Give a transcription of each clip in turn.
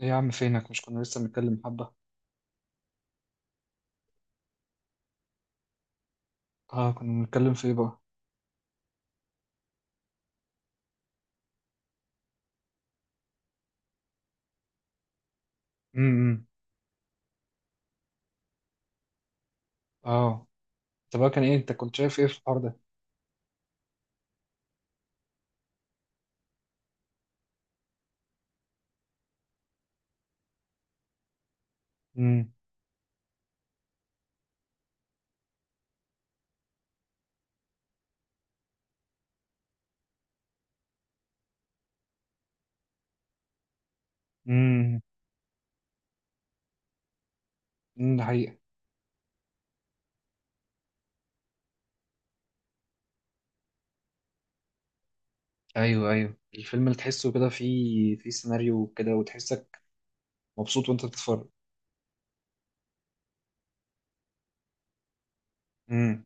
ايه يا عم، فينك؟ مش كنا لسه بنتكلم حبة؟ اه، كنا بنتكلم في ايه بقى؟ امم. اه. طب بقى، كان ايه؟ انت كنت شايف ايه في الحوار ده؟ امم، امم، امم. ده حقيقة. ايوه، ايوه، الفيلم اللي تحسه كده فيه سيناريو كده وتحسك مبسوط وانت بتتفرج. امم.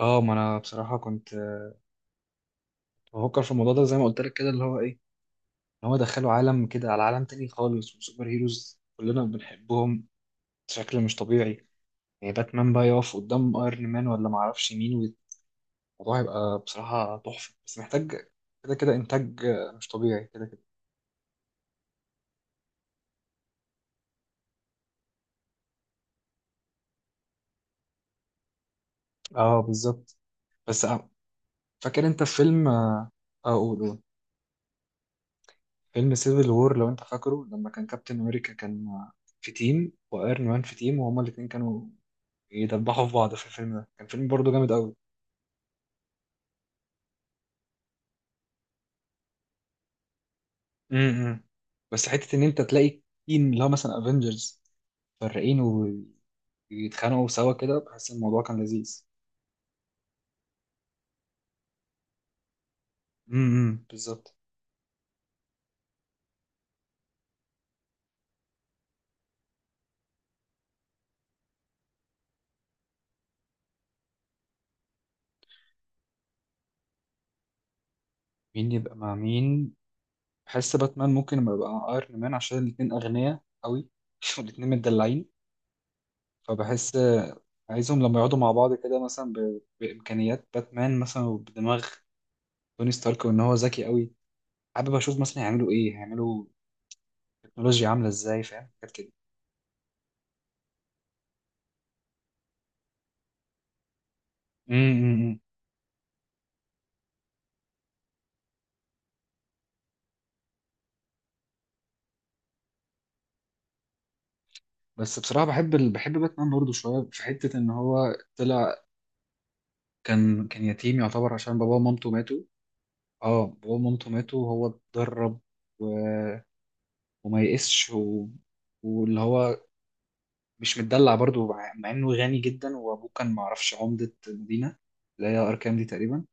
اه، ما انا بصراحة كنت بفكر في الموضوع ده زي ما قلت لك، كده اللي هو ايه، ان هو دخله عالم كده على عالم تاني خالص، وسوبر هيروز كلنا بنحبهم بشكل مش طبيعي. يعني باتمان بقى يقف قدام ايرون مان ولا معرفش مين، الموضوع هيبقى بصراحة تحفة، بس محتاج كده كده إنتاج مش طبيعي كده كده. اه، بالظبط. بس فاكر أنت فيلم قول قول. فيلم سيفل وور، لو أنت فاكره، لما كان كابتن أمريكا كان في تيم وأيرون مان في تيم، وهما الاتنين كانوا يدبحوا في بعض. في الفيلم ده كان فيلم برضه جامد أوي. امم. بس حتة إن أنت تلاقي تيم اللي هو مثلا أفينجرز فرقين ويتخانقوا سوا كده، بحس الموضوع كان لذيذ. امم، بالظبط. مين يبقى مع مين؟ بحس باتمان ممكن لما يبقى ايرون مان، عشان الاتنين اغنياء قوي والاتنين متدلعين. فبحس عايزهم لما يقعدوا مع بعض كده، مثلا بامكانيات باتمان مثلا، وبدماغ توني ستارك، وان هو ذكي قوي. حابب اشوف مثلا هيعملوا ايه، هيعملوا تكنولوجيا عامله ازاي، فاهم، حاجات كده. امم. بس بصراحه بحب بحب باتمان برضه شويه، في حته ان هو طلع كان يتيم يعتبر، عشان باباه ومامته ماتوا. اه، باباه ومامته ماتوا وهو اتدرب. و... وما يئسش. واللي هو مش متدلع برضو، مع انه غني جدا، وابوه كان معرفش عمدة مدينة اللي هي اركان دي تقريبا.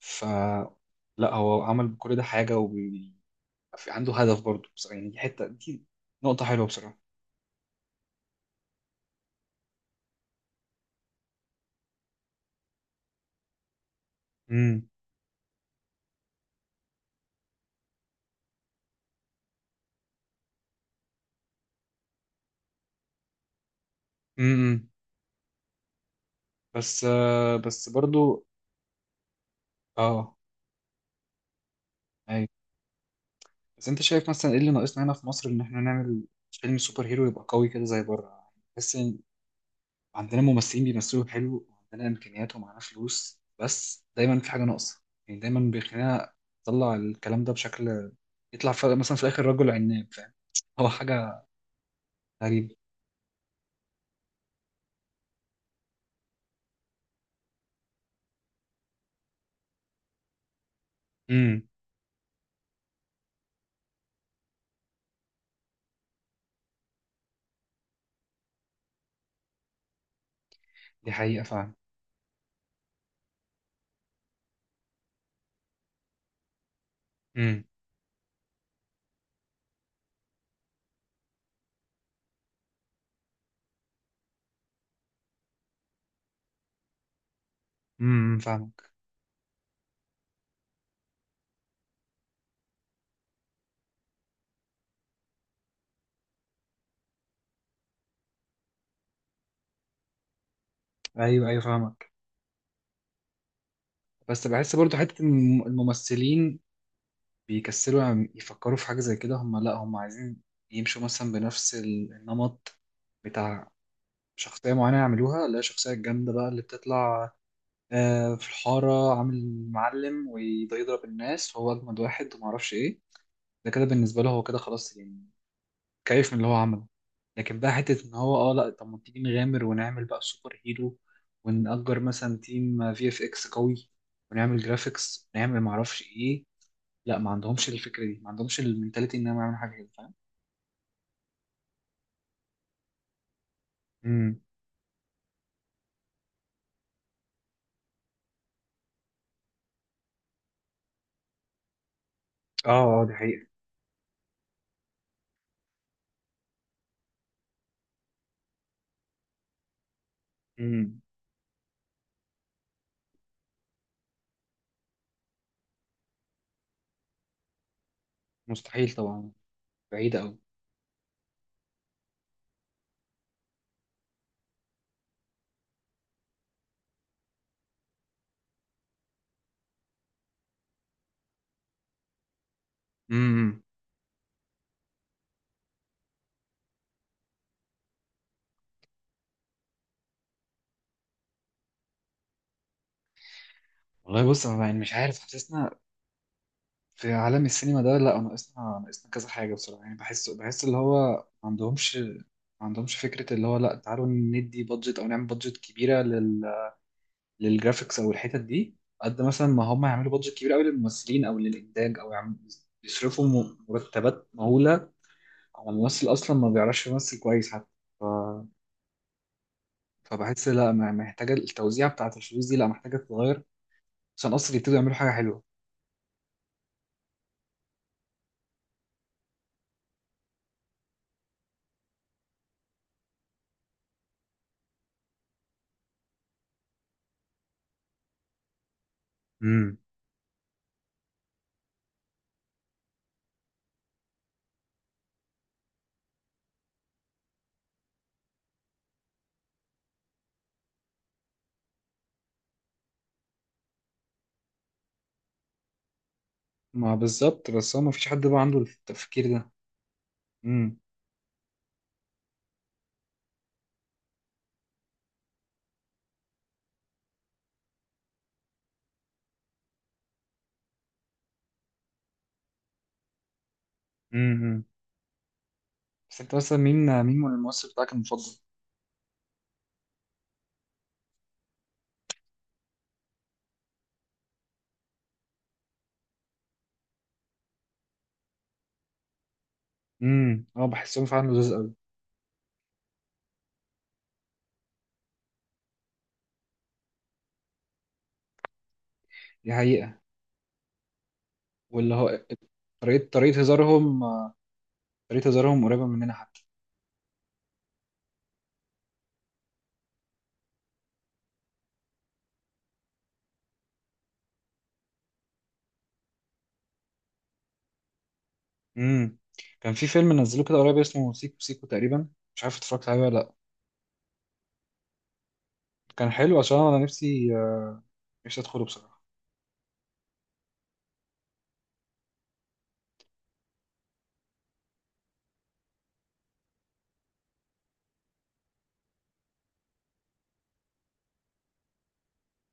فلا، هو عمل بكل ده حاجة، وعنده هدف برضو. بس يعني دي حتة، دي نقطة حلوة بصراحة. امم، امم. بس بس برضو. اه، ايوه. بس انت شايف مثلا ايه اللي ناقصنا هنا في مصر، ان احنا نعمل فيلم سوبر هيرو يبقى قوي كده زي بره؟ بس عندنا ممثلين بيمثلوا حلو، وعندنا امكانيات، ومعانا فلوس، بس دايما في حاجه ناقصه. يعني دايما بيخلينا نطلع الكلام ده بشكل يطلع في مثلا في الاخر رجل عناب، فاهم؟ هو حاجه غريبه. امم، دي حقيقه، فاهم. امم، امم، فاهمك. ايوه، ايوه، فاهمك. بس بحس برضو حته الممثلين بيكسلوا يعني يفكروا في حاجه زي كده. هم لا، هم عايزين يمشوا مثلا بنفس النمط بتاع شخصيه معينه يعملوها. لا، شخصيه جامده بقى اللي بتطلع في الحارة، عامل معلم وده يضرب الناس وهو أجمد واحد ومعرفش إيه، ده كده بالنسبة له هو كده خلاص، يعني كيف من اللي هو عمله. لكن بقى، حتة إن هو لأ، طب ما تيجي نغامر ونعمل بقى سوبر هيرو، ونأجر مثلا تيم في اف إكس قوي، ونعمل جرافيكس، ونعمل معرفش إيه. لأ، ما عندهمش الفكرة دي، ما عندهمش المنتاليتي إنهم يعملوا حاجة كده، فاهم؟ امم. آه، آه، دي حقيقة. امم. مستحيل طبعا، بعيدة أوي. امم. والله، بص، أنا يعني مش عارف، حاسسنا في عالم السينما ده، لا، ناقصنا كذا حاجة بصراحة. يعني بحس اللي هو ما عندهمش فكرة اللي هو لا، تعالوا ندي بادجت، أو نعمل بادجت كبيرة للجرافيكس أو الحتت دي، قد مثلا ما هم يعملوا بادجت كبيرة أوي للممثلين أو للإنتاج، أو يصرفوا مرتبات مهولة على ممثل أصلا ما بيعرفش يمثل كويس حتى. ف... فبحس لا، محتاجة، التوزيع بتاعة الفلوس دي لا محتاجة تتغير، عشان أصلا يبتدوا يعملوا حاجة حلوة. امم. ما بالظبط، بس هو ما فيش حد بقى عنده التفكير ده. امم. بس انت مثلا مين من الممثل بتاعك المفضل؟ امم، اه، بحسهم فعلا لذيذ قوي. دي حقيقة. واللي هو طريقة هزارهم طريقة هزارهم قريبة مننا حتى. امم. كان في فيلم نزلوه كده قريب اسمه سيكو سيكو تقريبا، مش عارف اتفرجت عليه ولا لا. كان حلو، عشان انا نفسي نفسي ادخله بصراحة.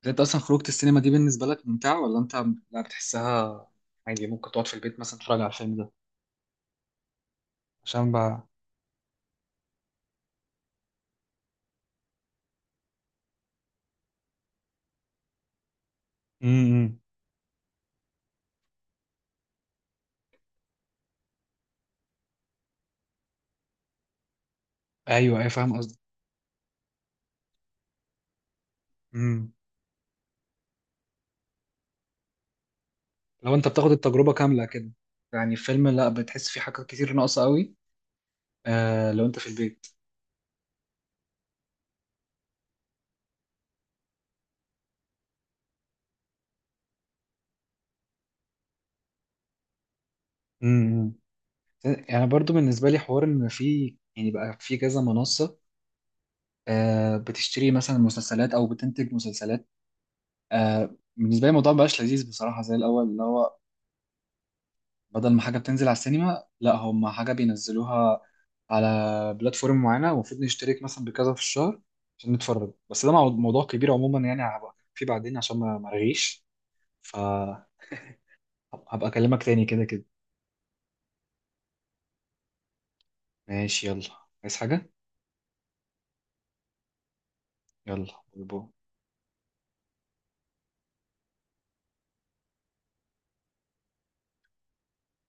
بس انت اصلا خروجة السينما دي بالنسبة لك ممتعة، ولا انت لا بتحسها عادي، ممكن تقعد في البيت مثلا تتفرج على الفيلم ده؟ عشان بقى. امم. ايوه، ايوه، فاهم. قصدي لو انت بتاخد التجربة كاملة كده، يعني الفيلم، لا بتحس فيه حاجات كتير ناقصة قوي آه لو انت في البيت. امم. يعني برضو بالنسبة لي حوار ان في يعني بقى في كذا منصة آه بتشتري مثلا مسلسلات او بتنتج مسلسلات. آه بالنسبة لي الموضوع مبقاش لذيذ بصراحة زي الاول، اللي هو بدل ما حاجة بتنزل على السينما، لا هم حاجة بينزلوها على بلاتفورم معينة، المفروض نشترك مثلا بكذا في الشهر عشان نتفرج. بس ده موضوع كبير عموما، يعني هبقى فيه بعدين عشان ما مرغيش. ف، هبقى اكلمك تاني كده كده. ماشي، يلا. عايز حاجة؟ يلا، باي باي.